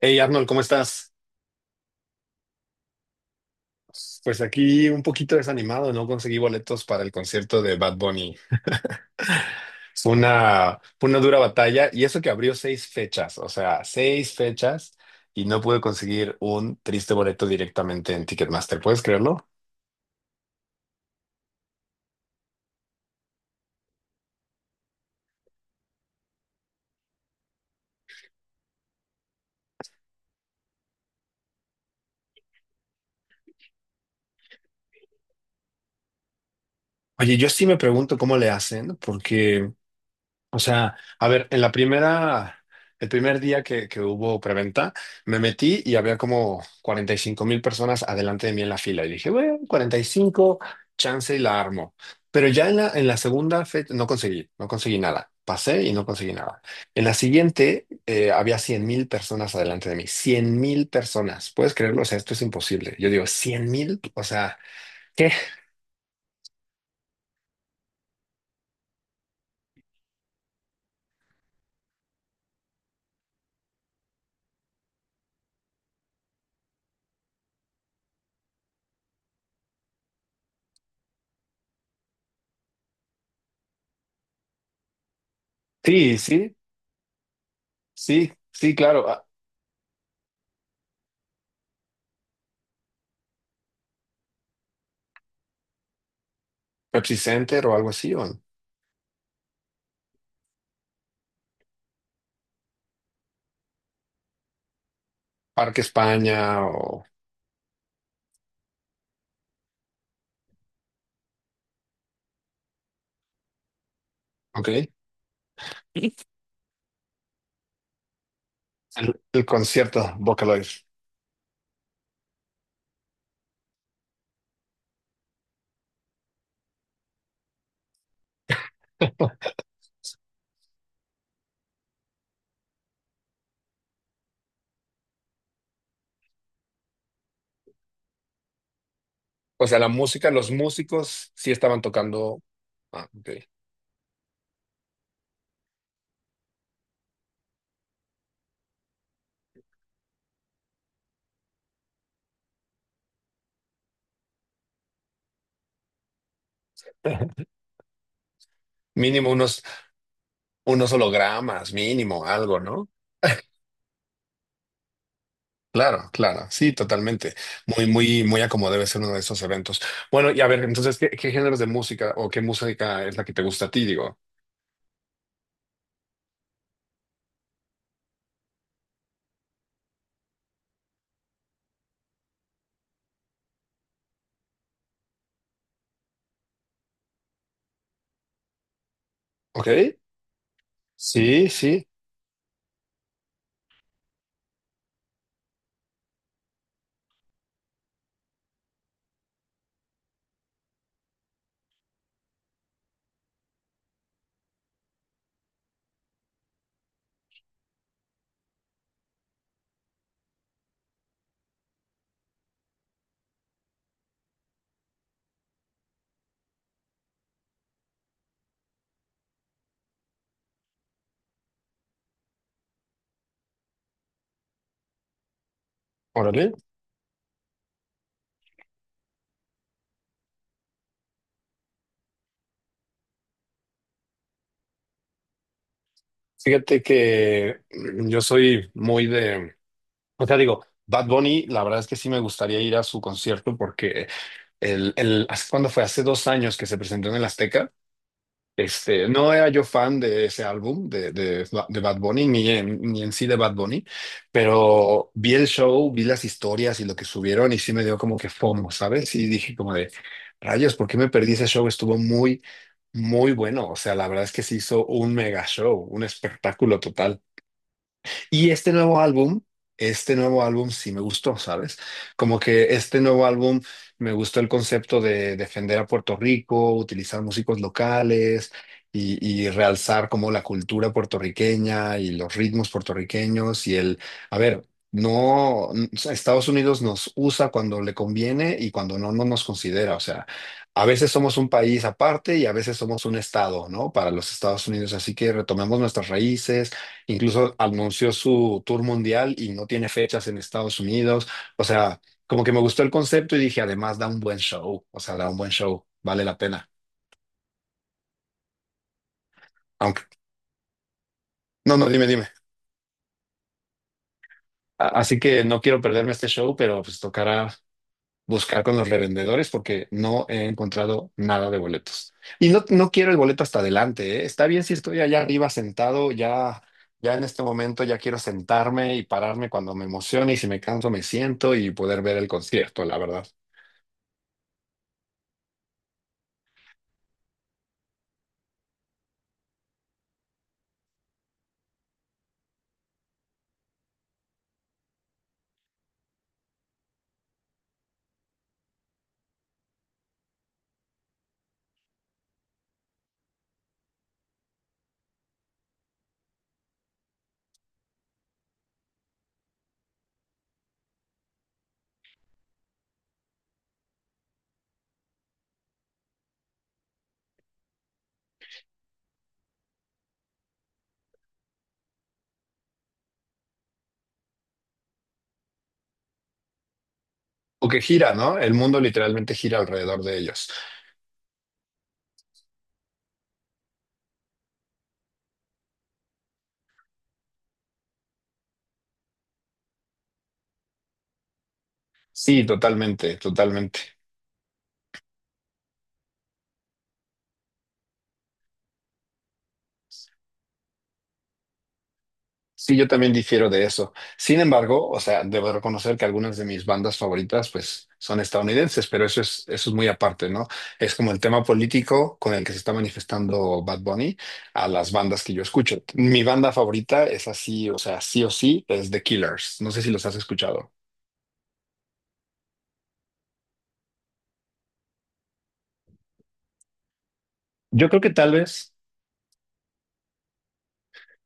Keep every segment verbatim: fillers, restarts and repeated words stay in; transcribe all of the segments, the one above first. Hey Arnold, ¿cómo estás? Pues aquí un poquito desanimado, no conseguí boletos para el concierto de Bad Bunny. Fue una, fue una dura batalla y eso que abrió seis fechas, o sea, seis fechas y no pude conseguir un triste boleto directamente en Ticketmaster, ¿puedes creerlo? Oye, yo sí me pregunto cómo le hacen, porque. O sea, a ver, en la primera, el primer día que, que hubo preventa, me metí y había como cuarenta y cinco mil personas adelante de mí en la fila. Y dije, bueno, cuarenta y cinco chance y la armo. Pero ya en la, en la segunda fecha no conseguí, no conseguí nada. Pasé y no conseguí nada. En la siguiente eh, había cien mil personas adelante de mí. cien mil personas. ¿Puedes creerlo? O sea, esto es imposible. Yo digo, cien mil, o sea, ¿qué? Sí, sí, sí, sí, claro. Ah, Pepsi Center o algo así, ¿o no? Parque España o. Ok. El, el concierto Vocaloid. O sea, la música, los músicos sí estaban tocando. Ah, ok. Mínimo unos, unos hologramas, mínimo, algo, ¿no? Claro, claro, sí, totalmente. Muy, muy, muy a como debe ser uno de esos eventos. Bueno, y a ver, entonces, ¿qué, qué géneros de música o qué música es la que te gusta a ti? Digo, ¿ok? Sí, sí, órale. Fíjate que mm, yo soy muy de, o sea, digo, Bad Bunny, la verdad es que sí me gustaría ir a su concierto porque el, el, ¿hace ¿cuándo fue? Hace dos años que se presentó en el Azteca. Este, no era yo fan de ese álbum de, de, de Bad Bunny, ni en, ni en sí de Bad Bunny, pero vi el show, vi las historias y lo que subieron y sí me dio como que FOMO, ¿sabes? Y dije como de, rayos, ¿por qué me perdí ese show? Estuvo muy, muy bueno. O sea, la verdad es que se hizo un mega show, un espectáculo total. Y este nuevo álbum, este nuevo álbum sí me gustó, ¿sabes? Como que este nuevo álbum me gustó el concepto de defender a Puerto Rico, utilizar músicos locales y, y realzar como la cultura puertorriqueña y los ritmos puertorriqueños y el, a ver. No, n- o sea, Estados Unidos nos usa cuando le conviene y cuando no, no nos considera. O sea, a veces somos un país aparte y a veces somos un estado, ¿no? Para los Estados Unidos. Así que retomemos nuestras raíces. Incluso anunció su tour mundial y no tiene fechas en Estados Unidos. O sea, como que me gustó el concepto y dije, además da un buen show. O sea, da un buen show. Vale la pena. Aunque, no, no, dime, dime. A- Así que no quiero perderme este show, pero pues tocará buscar con los revendedores porque no he encontrado nada de boletos. Y no, no quiero el boleto hasta adelante, ¿eh? Está bien si estoy allá arriba sentado, ya, ya en este momento ya quiero sentarme y pararme cuando me emocione y si me canso me siento y poder ver el concierto, la verdad. O que gira, ¿no? El mundo literalmente gira alrededor de ellos. Sí, totalmente, totalmente. Sí, yo también difiero de eso. Sin embargo, o sea, debo reconocer que algunas de mis bandas favoritas, pues, son estadounidenses, pero eso es, eso es muy aparte, ¿no? Es como el tema político con el que se está manifestando Bad Bunny a las bandas que yo escucho. Mi banda favorita es así, o sea, sí o sí, es The Killers. No sé si los has escuchado. Yo creo que tal vez.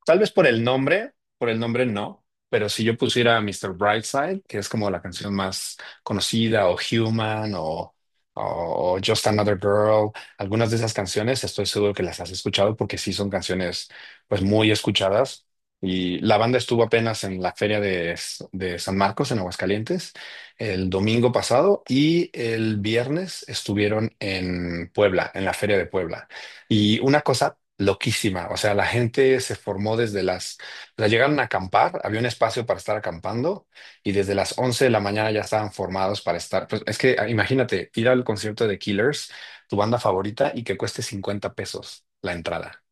Tal vez por el nombre, por el nombre no, pero si yo pusiera mister Brightside, que es como la canción más conocida, o Human, o, o Just Another Girl, algunas de esas canciones estoy seguro que las has escuchado porque sí son canciones pues muy escuchadas. Y la banda estuvo apenas en la feria de, de San Marcos, en Aguascalientes, el domingo pasado y el viernes estuvieron en Puebla, en la feria de Puebla. Y una cosa loquísima, o sea, la gente se formó desde las, o sea, llegaron a acampar, había un espacio para estar acampando y desde las once de la mañana ya estaban formados para estar, pues es que ah, imagínate, ir al concierto de Killers, tu banda favorita, y que cueste cincuenta pesos la entrada.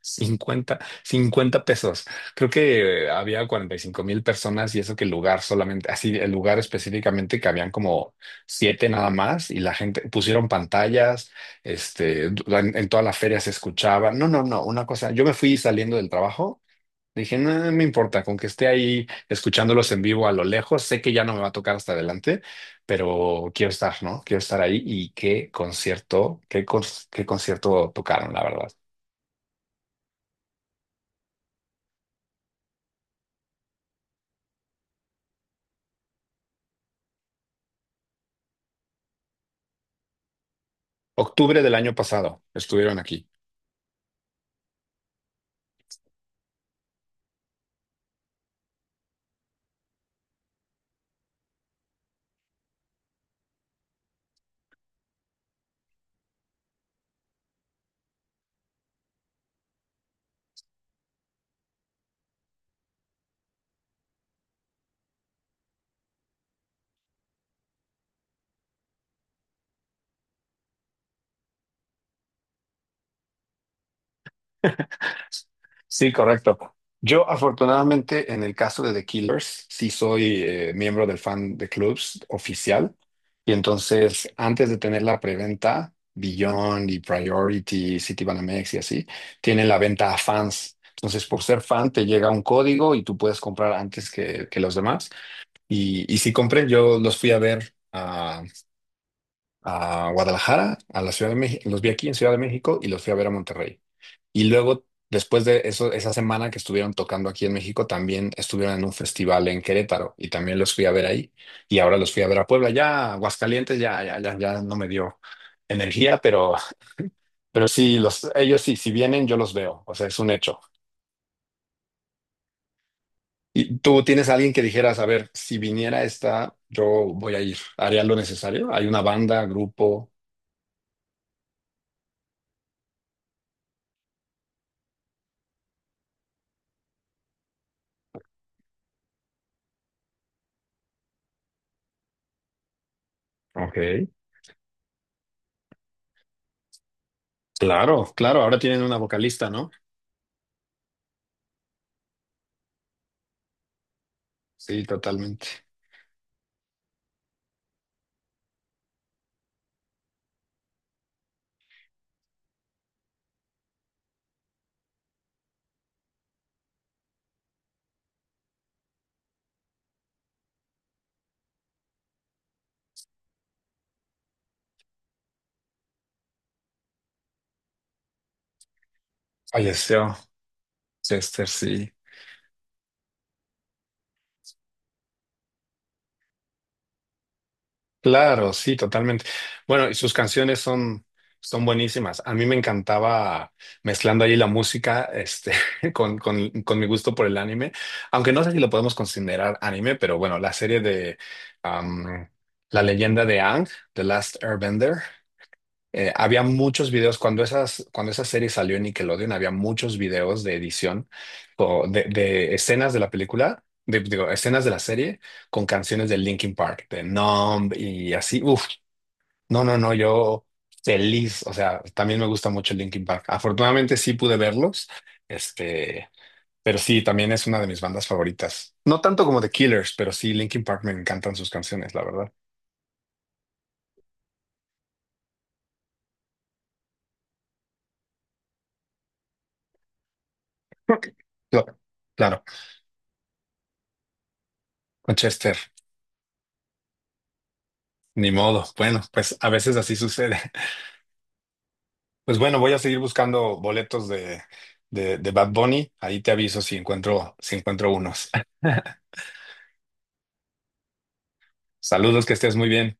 cincuenta cincuenta pesos. Creo que eh, había cuarenta y cinco mil personas y eso que el lugar solamente, así el lugar específicamente que habían como siete nada más y la gente pusieron pantallas, este, en, en toda la feria se escuchaba. No, no, no, una cosa, yo me fui saliendo del trabajo, dije, no, no me importa, con que esté ahí escuchándolos en vivo a lo lejos, sé que ya no me va a tocar hasta adelante, pero quiero estar, ¿no? Quiero estar ahí y qué concierto, qué, cons- qué concierto tocaron, la verdad. Octubre del año pasado estuvieron aquí. Sí, correcto. Yo, afortunadamente, en el caso de The Killers, sí soy eh, miembro del fan de clubs oficial. Y entonces, antes de tener la preventa, Beyond y Priority, Citibanamex y así, tienen la venta a fans. Entonces, por ser fan, te llega un código y tú puedes comprar antes que, que los demás. Y, y, sí compré, yo los fui a ver a Guadalajara, a la Ciudad de México, los vi aquí en Ciudad de México y los fui a ver a Monterrey. Y luego, después de eso, esa semana que estuvieron tocando aquí en México, también estuvieron en un festival en Querétaro y también los fui a ver ahí. Y ahora los fui a ver a Puebla, ya Aguascalientes, ya, ya, ya, ya no me dio energía, pero, pero sí, los, ellos sí, si vienen, yo los veo, o sea, es un hecho. ¿Y tú tienes a alguien que dijeras, a ver, si viniera esta, yo voy a ir, haría lo necesario? ¿Hay una banda, grupo? Ok. Claro, claro, ahora tienen una vocalista, ¿no? Sí, totalmente. Falleció Chester, sí. Claro, sí, totalmente. Bueno, y sus canciones son, son buenísimas. A mí me encantaba mezclando ahí la música, este, con, con, con mi gusto por el anime, aunque no sé si lo podemos considerar anime, pero bueno, la serie de am, La leyenda de Aang, The Last Airbender, Eh, había muchos videos cuando esas, cuando esa serie salió en Nickelodeon, había muchos videos de edición co- de, de escenas de la película, de, digo, escenas de la serie con canciones de Linkin Park, de Numb y así. Uf, no, no, no, yo feliz. O sea, también me gusta mucho Linkin Park. Afortunadamente sí pude verlos, este, pero sí, también es una de mis bandas favoritas. No tanto como The Killers, pero sí, Linkin Park me encantan sus canciones, la verdad. Ok. Cla- Claro, Manchester. Ni modo. Bueno, pues a veces así sucede. Pues bueno, voy a seguir buscando boletos de, de, de Bad Bunny. Ahí te aviso si encuentro, si encuentro unos. Saludos, que estés muy bien.